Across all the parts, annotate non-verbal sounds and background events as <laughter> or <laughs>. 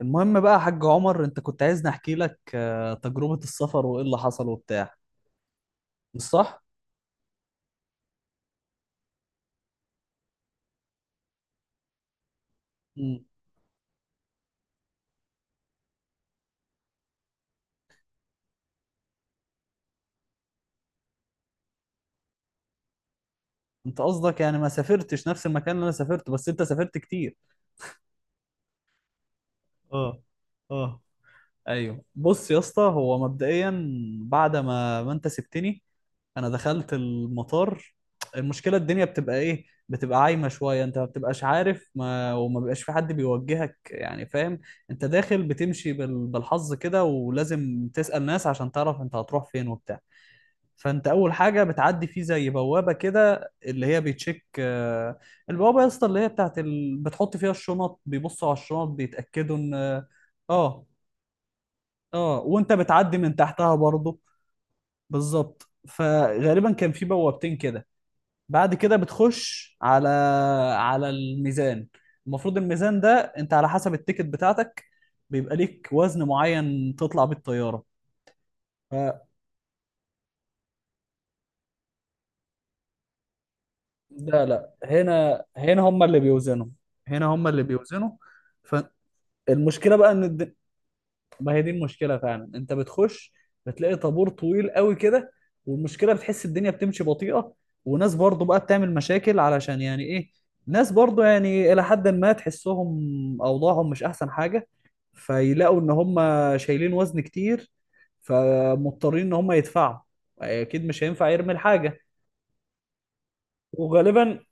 المهم بقى يا حاج عمر، انت كنت عايزني احكي لك تجربة السفر وايه اللي حصل وبتاع. مش صح؟ مم. انت قصدك يعني ما سافرتش نفس المكان اللي انا سافرته، بس انت سافرت كتير. اه، اه، ايوه. بص يا اسطى، هو مبدئيا بعد ما انت سبتني، انا دخلت المطار. المشكله الدنيا بتبقى ايه، بتبقى عايمه شويه، انت ما بتبقاش عارف، ما وما بيبقاش في حد بيوجهك، يعني فاهم، انت داخل بتمشي بالحظ كده، ولازم تسأل ناس عشان تعرف انت هتروح فين وبتاع. فانت اول حاجه بتعدي فيه زي بوابه كده اللي هي بيتشيك، البوابه يا اسطى اللي هي بتاعت بتحط فيها الشنط، بيبصوا على الشنط بيتاكدوا ان، اه، اه، وانت بتعدي من تحتها برضه. بالظبط، فغالبا كان في بوابتين كده. بعد كده بتخش على الميزان. المفروض الميزان ده انت على حسب التيكت بتاعتك بيبقى ليك وزن معين تطلع بيه الطياره. لا لا، هنا هم اللي بيوزنوا، هنا هم اللي بيوزنوا. فالمشكله بقى ان ما هي دي المشكله فعلا، انت بتخش بتلاقي طابور طويل قوي كده، والمشكله بتحس الدنيا بتمشي بطيئه، وناس برضو بقى بتعمل مشاكل علشان يعني ايه، ناس برضو يعني الى حد ما تحسهم اوضاعهم مش احسن حاجه، فيلاقوا ان هم شايلين وزن كتير، فمضطرين ان هم يدفعوا، اكيد مش هينفع يرمي الحاجه. وغالبا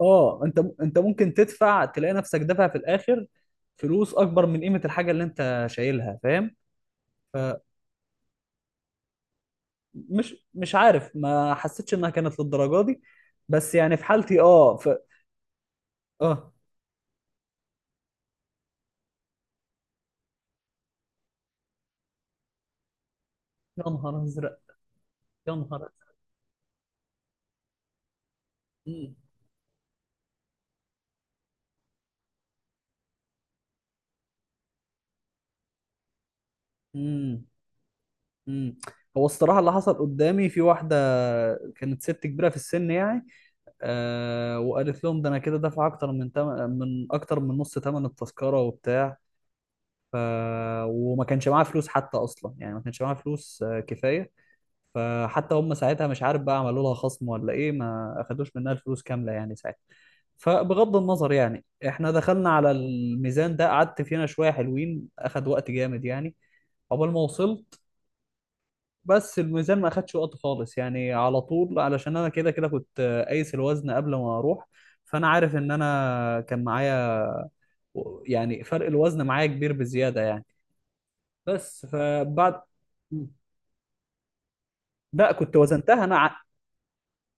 اه، انت ممكن تدفع تلاقي نفسك دافع في الاخر فلوس اكبر من قيمه الحاجه اللي انت شايلها، فاهم. فمش مش عارف، ما حسيتش انها كانت للدرجه دي، بس يعني في حالتي، اه، اه، يا نهار ازرق، يا نهار أزرق. مم. مم. مم. هو الصراحه اللي حصل قدامي في واحده كانت ست كبيره في السن، يعني، وقالت لهم ده انا كده دافع من اكتر من نص ثمن التذكره وبتاع، ف... وما كانش معاه فلوس حتى اصلا، يعني ما كانش معاه فلوس، كفايه. فحتى هم ساعتها، مش عارف بقى عملوا لها خصم ولا ايه، ما اخدوش منها الفلوس كامله يعني ساعتها. فبغض النظر، يعني احنا دخلنا على الميزان ده قعدت فينا شويه حلوين، اخد وقت جامد يعني، عقبال ما وصلت. بس الميزان ما اخدش وقت خالص يعني، على طول، علشان انا كده كده كنت، قايس الوزن قبل ما اروح، فانا عارف ان انا كان معايا، يعني فرق الوزن معايا كبير بزياده يعني. بس فبعد، لا كنت وزنتها انا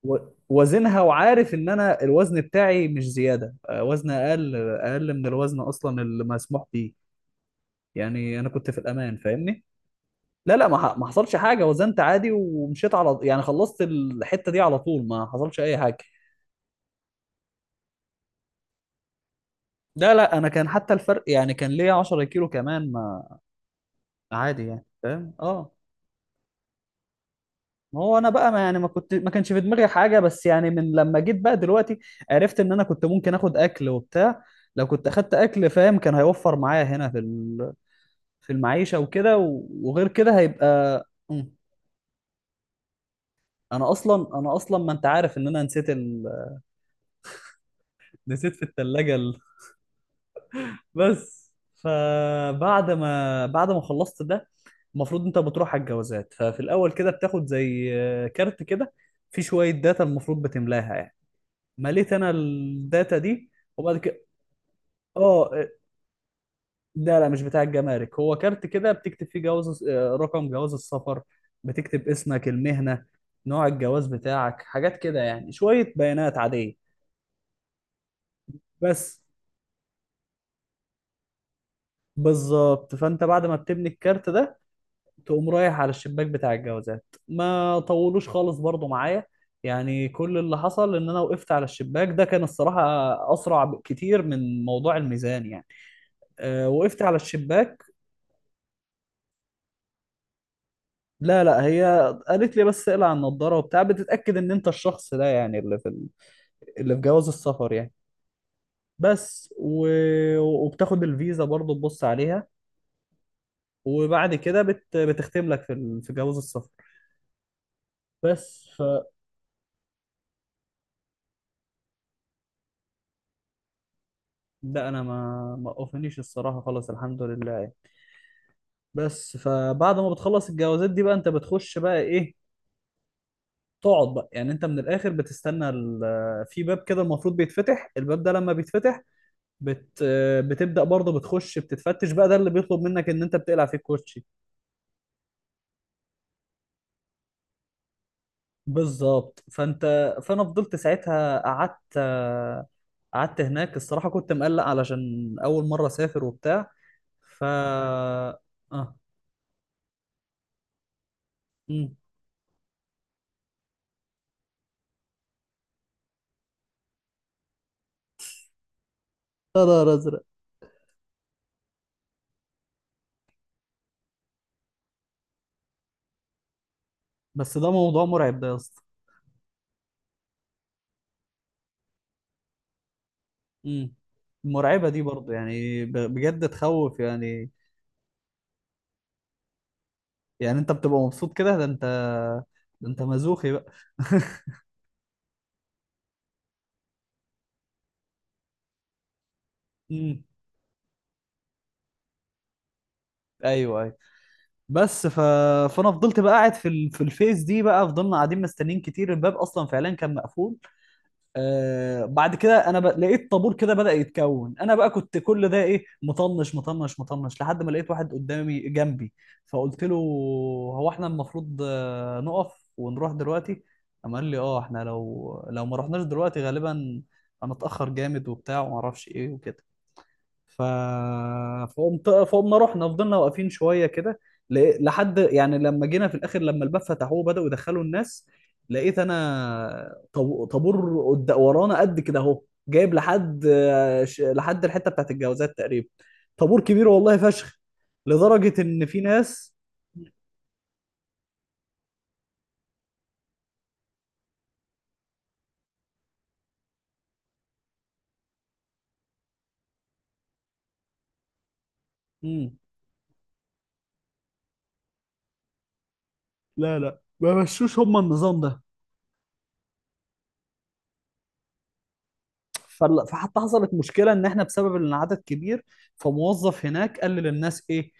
و- وزنها وعارف ان انا الوزن بتاعي مش زياده، وزن اقل من الوزن اصلا اللي مسموح بيه، يعني انا كنت في الامان، فاهمني. لا لا، ما حصلش حاجه، وزنت عادي ومشيت، على يعني خلصت الحته دي على طول، ما حصلش اي حاجه. لا لا، انا كان حتى الفرق يعني كان ليا 10 كيلو كمان، ما عادي يعني، فاهم، اه. ما هو انا بقى، ما يعني ما كنت، ما كانش في دماغي حاجه، بس يعني من لما جيت بقى دلوقتي عرفت ان انا كنت ممكن اخد اكل وبتاع. لو كنت اخدت اكل، فاهم، كان هيوفر معايا هنا في في المعيشه وكده، وغير كده هيبقى، مم. انا اصلا ما، انت عارف ان انا نسيت نسيت في الثلاجه بس، فبعد ما خلصت ده، المفروض انت بتروح على الجوازات، ففي الاول كده بتاخد زي كارت كده، في شويه داتا المفروض بتملاها، مليت انا الداتا دي وبعد كده. اه، لا لا، مش بتاع الجمارك، هو كارت كده بتكتب فيه جواز آه، رقم جواز السفر، بتكتب اسمك، المهنة، نوع الجواز بتاعك، حاجات كده يعني شوية بيانات عادية. بس، بالظبط، فانت بعد ما بتبني الكارت ده تقوم رايح على الشباك بتاع الجوازات، ما طولوش خالص برضو معايا، يعني كل اللي حصل ان انا وقفت على الشباك ده، كان الصراحة اسرع كتير من موضوع الميزان يعني. وقفت على الشباك، لا لا، هي قالت لي بس اقلع النضاره وبتاع، بتتاكد ان انت الشخص ده يعني اللي في اللي في جواز السفر يعني. بس و، وبتاخد الفيزا برضه تبص عليها، وبعد كده بتختم لك في في جواز السفر. بس، ف، لا انا ما اوفنيش الصراحه خالص، الحمد لله يعني. بس فبعد ما بتخلص الجوازات دي بقى، انت بتخش بقى ايه، تقعد بقى، يعني انت من الاخر بتستنى في باب كده المفروض بيتفتح، الباب ده لما بيتفتح بت... بتبدأ برضه بتخش بتتفتش بقى، ده اللي بيطلب منك ان انت بتقلع فيه الكوتشي. بالظبط، فانت، فانا فضلت ساعتها قعدت، قعدت هناك الصراحة كنت مقلق علشان اول مرة اسافر وبتاع، ف، اه. امم يا نهار ازرق، بس ده موضوع مرعب ده يا اسطى. امم المرعبة دي برضه يعني بجد تخوف يعني، يعني انت بتبقى مبسوط كده، ده انت، ده انت مزوخي بقى. <laughs> امم، ايوه. بس فانا فضلت بقى قاعد في في الفيس دي، بقى فضلنا قاعدين مستنيين كتير، الباب اصلا فعلا كان مقفول. بعد كده انا لقيت طابور كده بدأ يتكون، انا بقى كنت كل ده ايه، مطنش مطنش مطنش، لحد ما لقيت واحد قدامي جنبي، فقلت له هو احنا المفروض، نقف ونروح دلوقتي؟ قام قال لي اه احنا لو ما رحناش دلوقتي غالبا هنتأخر جامد وبتاع وما اعرفش ايه وكده، ف... فقمنا رحنا، فضلنا واقفين شويه كده، لحد يعني لما جينا في الاخر، لما الباب فتحوه وبداوا يدخلوا الناس، لقيت انا طابور ورانا قد كده اهو، جايب لحد، لحد الحته بتاعت الجوازات تقريبا، طابور كبير والله فشخ، لدرجه ان في ناس. مم. لا لا، ما مشوش هم النظام ده. فحتى حصلت مشكله ان احنا بسبب ان العدد كبير، فموظف هناك قال للناس ايه،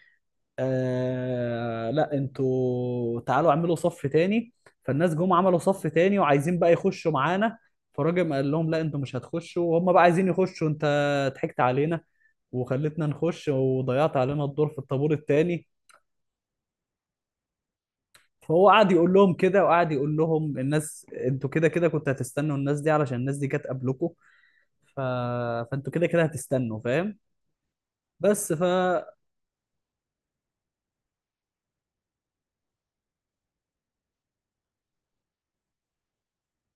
لا انتوا تعالوا اعملوا صف تاني، فالناس جم عملوا صف تاني وعايزين بقى يخشوا معانا، فالراجل قال لهم لا انتوا مش هتخشوا، وهم بقى عايزين يخشوا، انت ضحكت علينا وخلتنا نخش وضيعت علينا الدور في الطابور التاني. فهو قعد يقول لهم كده، وقعد يقول لهم الناس انتوا كده كده كنتوا هتستنوا الناس دي، علشان الناس دي كانت قبلكم، ف... فانتوا كده كده هتستنوا، فاهم. بس، ف،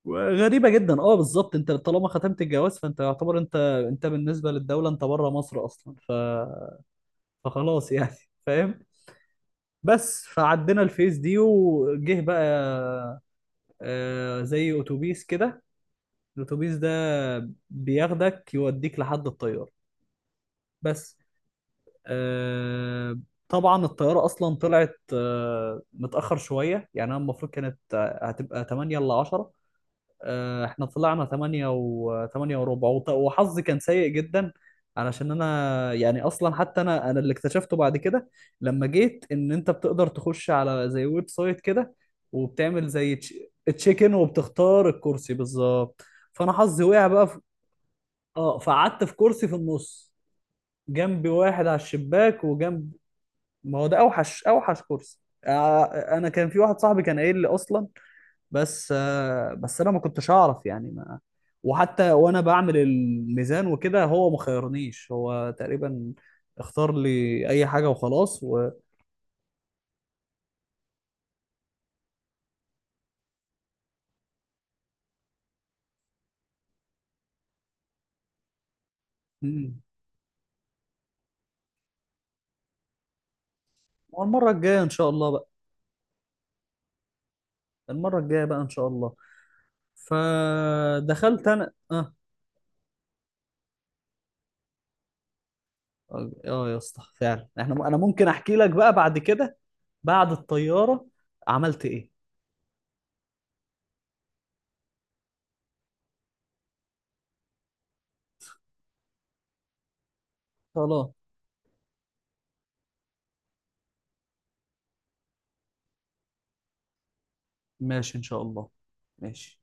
غريبة جدا، اه، بالظبط، انت طالما ختمت الجواز فانت يعتبر انت، انت بالنسبة للدولة انت بره مصر اصلا، فخلاص يعني <laughs> فاهم. بس فعدينا الفيز دي، وجه بقى زي اتوبيس كده، الاتوبيس ده بياخدك يوديك لحد الطيارة. بس، آه، طبعا الطيارة اصلا طلعت متأخر شوية، يعني انا المفروض كانت، هتبقى 8 ل 10، احنا طلعنا 8 و 8 وربع، وحظي كان سيء جدا، علشان انا يعني اصلا حتى انا اللي اكتشفته بعد كده لما جيت، ان انت بتقدر تخش على زي ويب سايت كده، وبتعمل زي تشيك ان، وبتختار الكرسي بالظبط. فانا حظي وقع بقى اه فقعدت في كرسي في النص، جنبي واحد على الشباك وجنب، ما هو ده اوحش، اوحش كرسي، آه، انا كان في واحد صاحبي كان قايل لي اصلا، بس، بس انا ما كنتش اعرف يعني ما، وحتى وانا بعمل الميزان وكده هو ما خيرنيش، هو تقريبا اختار لي اي حاجه وخلاص و، مم. والمره الجايه ان شاء الله بقى، المره الجايه بقى ان شاء الله. فدخلت انا، اه، يا اسطى فعلا انا ممكن احكي لك بقى بعد كده، بعد الطياره عملت ايه. خلاص، ماشي ان شاء الله، ماشي.